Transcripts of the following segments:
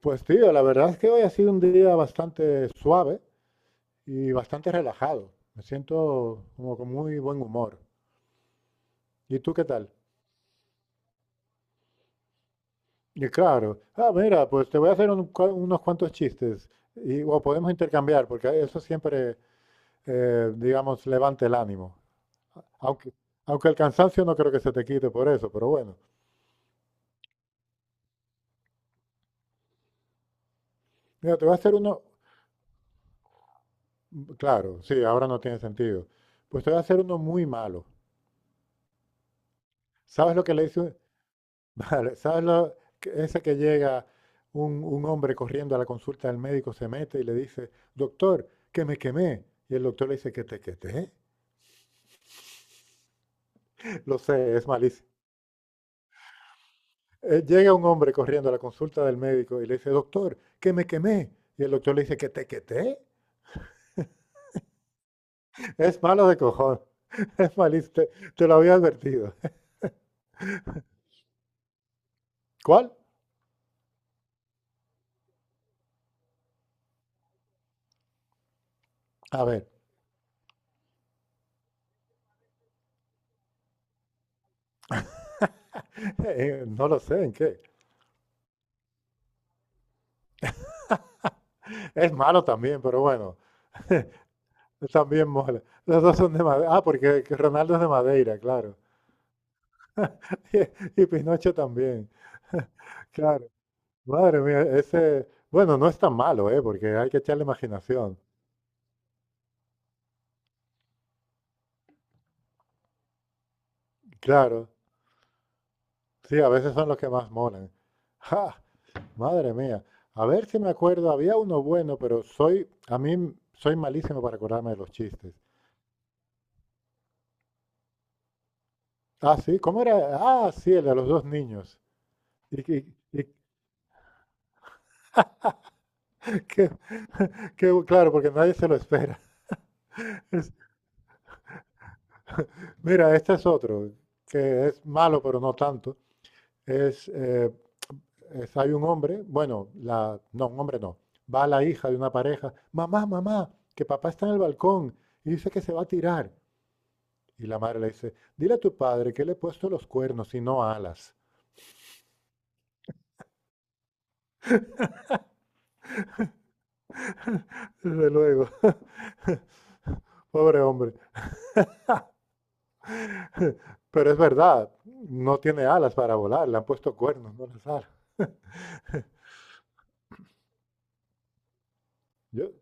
Pues tío, la verdad es que hoy ha sido un día bastante suave y bastante relajado. Me siento como con muy buen humor. ¿Y tú qué tal? Y claro, ah, mira, pues te voy a hacer unos cuantos chistes y o podemos intercambiar, porque eso siempre, digamos, levanta el ánimo. Aunque, aunque el cansancio no creo que se te quite por eso, pero bueno. Mira, te voy a hacer uno, claro, sí, ahora no tiene sentido. Pues te voy a hacer uno muy malo. ¿Sabes lo que le hizo? Vale, ¿sabes lo, ese que llega un hombre corriendo a la consulta del médico, se mete y le dice, doctor, ¿que me quemé? Y el doctor le dice, ¿que te quemé? Lo sé, es malísimo. Llega un hombre corriendo a la consulta del médico y le dice, doctor, ¿que me quemé? Y el doctor le dice, ¿que te quemé? Es malo de cojón. Es malísimo, te lo había advertido. ¿Cuál? A ver, no lo sé en qué. Es malo también, pero bueno, también mola. Los dos son de Madeira. Ah, porque que Ronaldo es de Madeira, claro. Y Pinocho también. Claro. Madre mía, ese, bueno, no es tan malo, ¿eh? Porque hay que echarle imaginación. Claro. Sí, a veces son los que más molan. ¡Ja! Madre mía. A ver si me acuerdo, había uno bueno, pero soy, soy malísimo para acordarme de los chistes. Ah, sí, ¿cómo era? Ah, sí, el de los dos niños. Y, que- y que- que claro, porque nadie se lo espera. Es- mira, este es otro, que es malo, pero no tanto. Es, eh, Hay un hombre, bueno, la, no, un hombre no, va la hija de una pareja, mamá, mamá, que papá está en el balcón y dice que se va a tirar. Y la madre le dice, dile a tu padre que le he puesto los cuernos y no alas. Desde luego, pobre hombre. Pero es verdad, no tiene alas para volar, le han puesto cuernos, no las alas. Yo,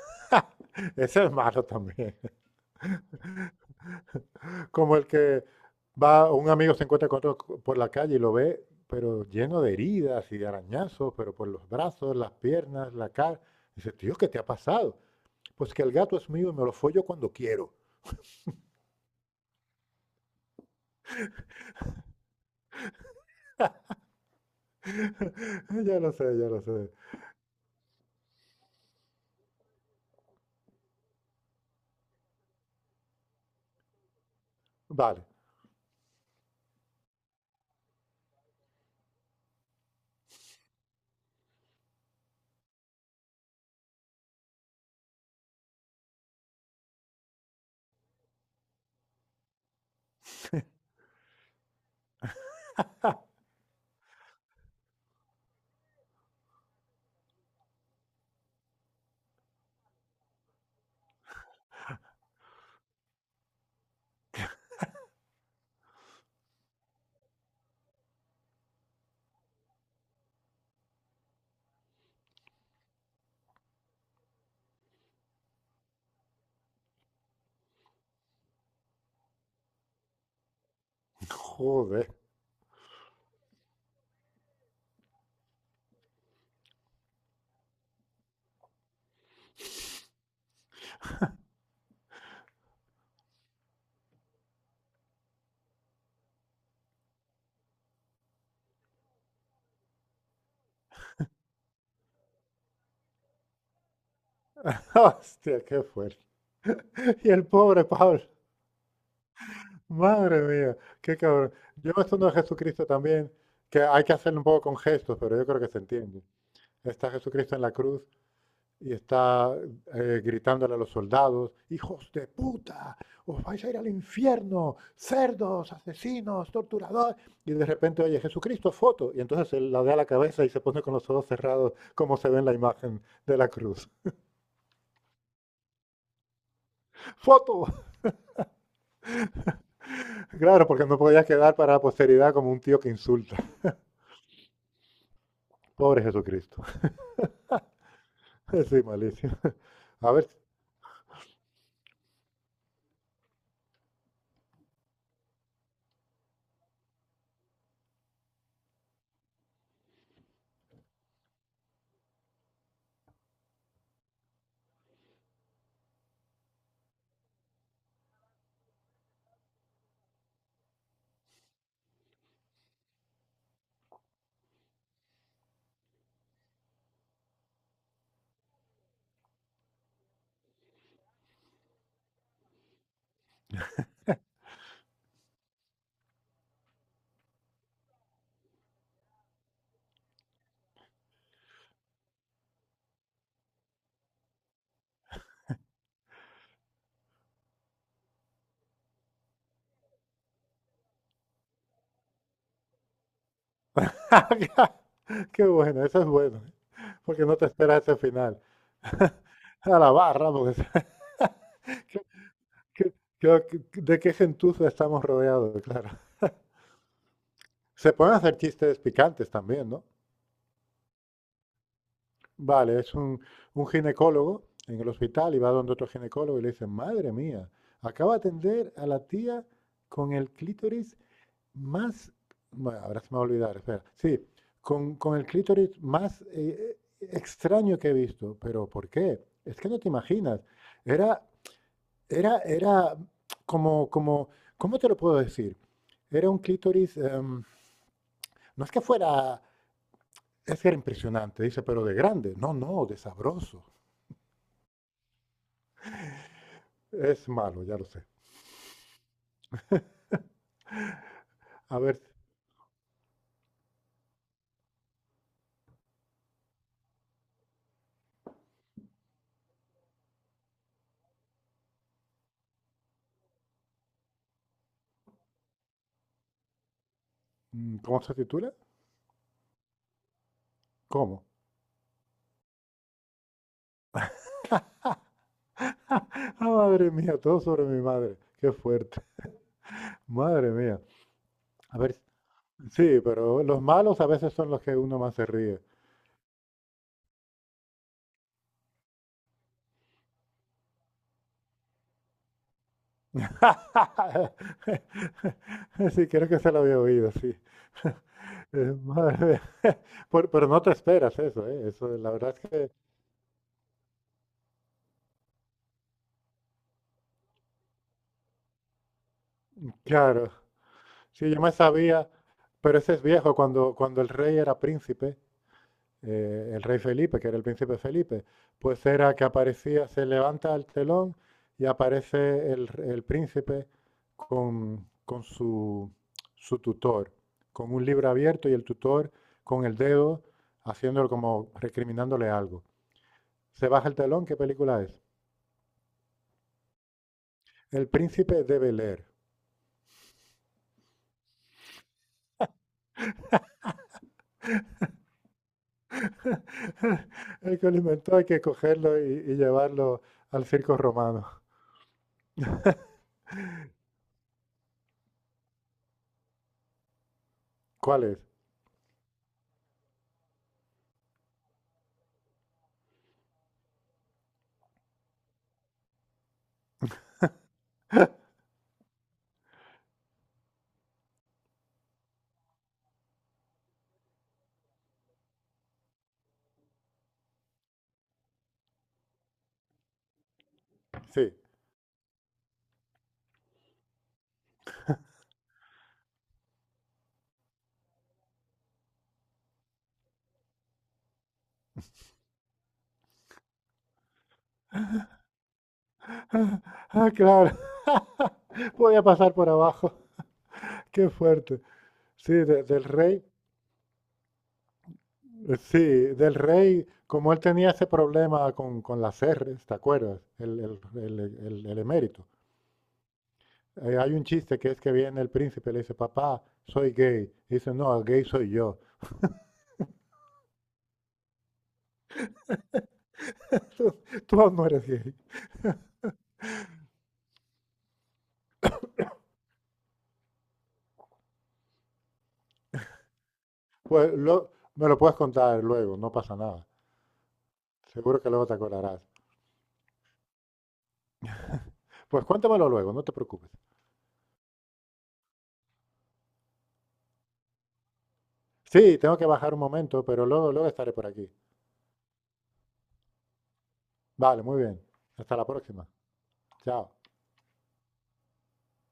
ese es malo también. Como el que va, un amigo se encuentra con otro por la calle y lo ve, pero lleno de heridas y de arañazos, pero por los brazos, las piernas, la cara. Dice, tío, ¿qué te ha pasado? Pues que el gato es mío y me lo follo cuando quiero. Ya lo sé, ya lo sé. Vale. Joder. Hostia, qué fuerte. Y el pobre Pablo. Madre mía, qué cabrón. Yo me estoy a Jesucristo también, que hay que hacerlo un poco con gestos, pero yo creo que se entiende. Está Jesucristo en la cruz y está gritándole a los soldados, hijos de puta, os vais a ir al infierno, cerdos, asesinos, torturadores. Y de repente, oye, Jesucristo, foto. Y entonces él la da la cabeza y se pone con los ojos cerrados, como se ve en la imagen de la cruz. ¡Foto! Claro, porque no podía quedar para la posteridad como un tío que insulta. Pobre Jesucristo. Sí, malísimo. A ver, qué bueno, eso es bueno, porque no te esperas ese final. A la barra, porque. qué ¿Qué- qué- ¿De qué gentuza estamos rodeados? Claro. Se pueden hacer chistes picantes también, ¿no? Vale, es un ginecólogo en el hospital y va donde otro ginecólogo y le dice, madre mía, acaba de atender a la tía con el clítoris más. Bueno, ahora se me va a olvidar, espera. Sí, con el clítoris más extraño que he visto. ¿Pero por qué? Es que no te imaginas. Era era como, ¿cómo te lo puedo decir? Era un clítoris, no es que fuera, es que era impresionante, dice, pero de grande. No, no, de sabroso. Es malo, ya lo sé. A ver, ¿cómo se titula? ¿Cómo? Ah, madre mía, todo sobre mi madre. Qué fuerte. Madre mía. A ver, sí, pero los malos a veces son los que uno más se ríe. Sí, creo que se lo había oído, sí. Madre mía. Pero no te esperas eso, ¿eh? Eso, la verdad es que, claro, sí, yo me sabía, pero ese es viejo, cuando el rey era príncipe, el rey Felipe, que era el príncipe Felipe, pues era que aparecía, se levanta el telón y aparece el príncipe con su tutor, con un libro abierto y el tutor con el dedo haciéndolo como recriminándole algo. Se baja el telón, ¿qué película es? El príncipe de Bel-Air. El que lo inventó hay que cogerlo y llevarlo al circo romano. ¿Cuál es? Sí. Ah, ah, claro. Podía pasar por abajo. Qué fuerte. Sí, del rey. Sí, del rey, como él tenía ese problema con las R's, ¿te acuerdas? El emérito. Hay un chiste que es que viene el príncipe y le dice, papá, soy gay. Y dice, no, gay soy yo. Tú tú no eres gay. Pues me lo puedes contar luego, no pasa nada. Seguro que luego te acordarás. Pues cuéntamelo luego, no te preocupes. Sí, tengo que bajar un momento, pero luego, luego estaré por aquí. Vale, muy bien. Hasta la próxima. Chao.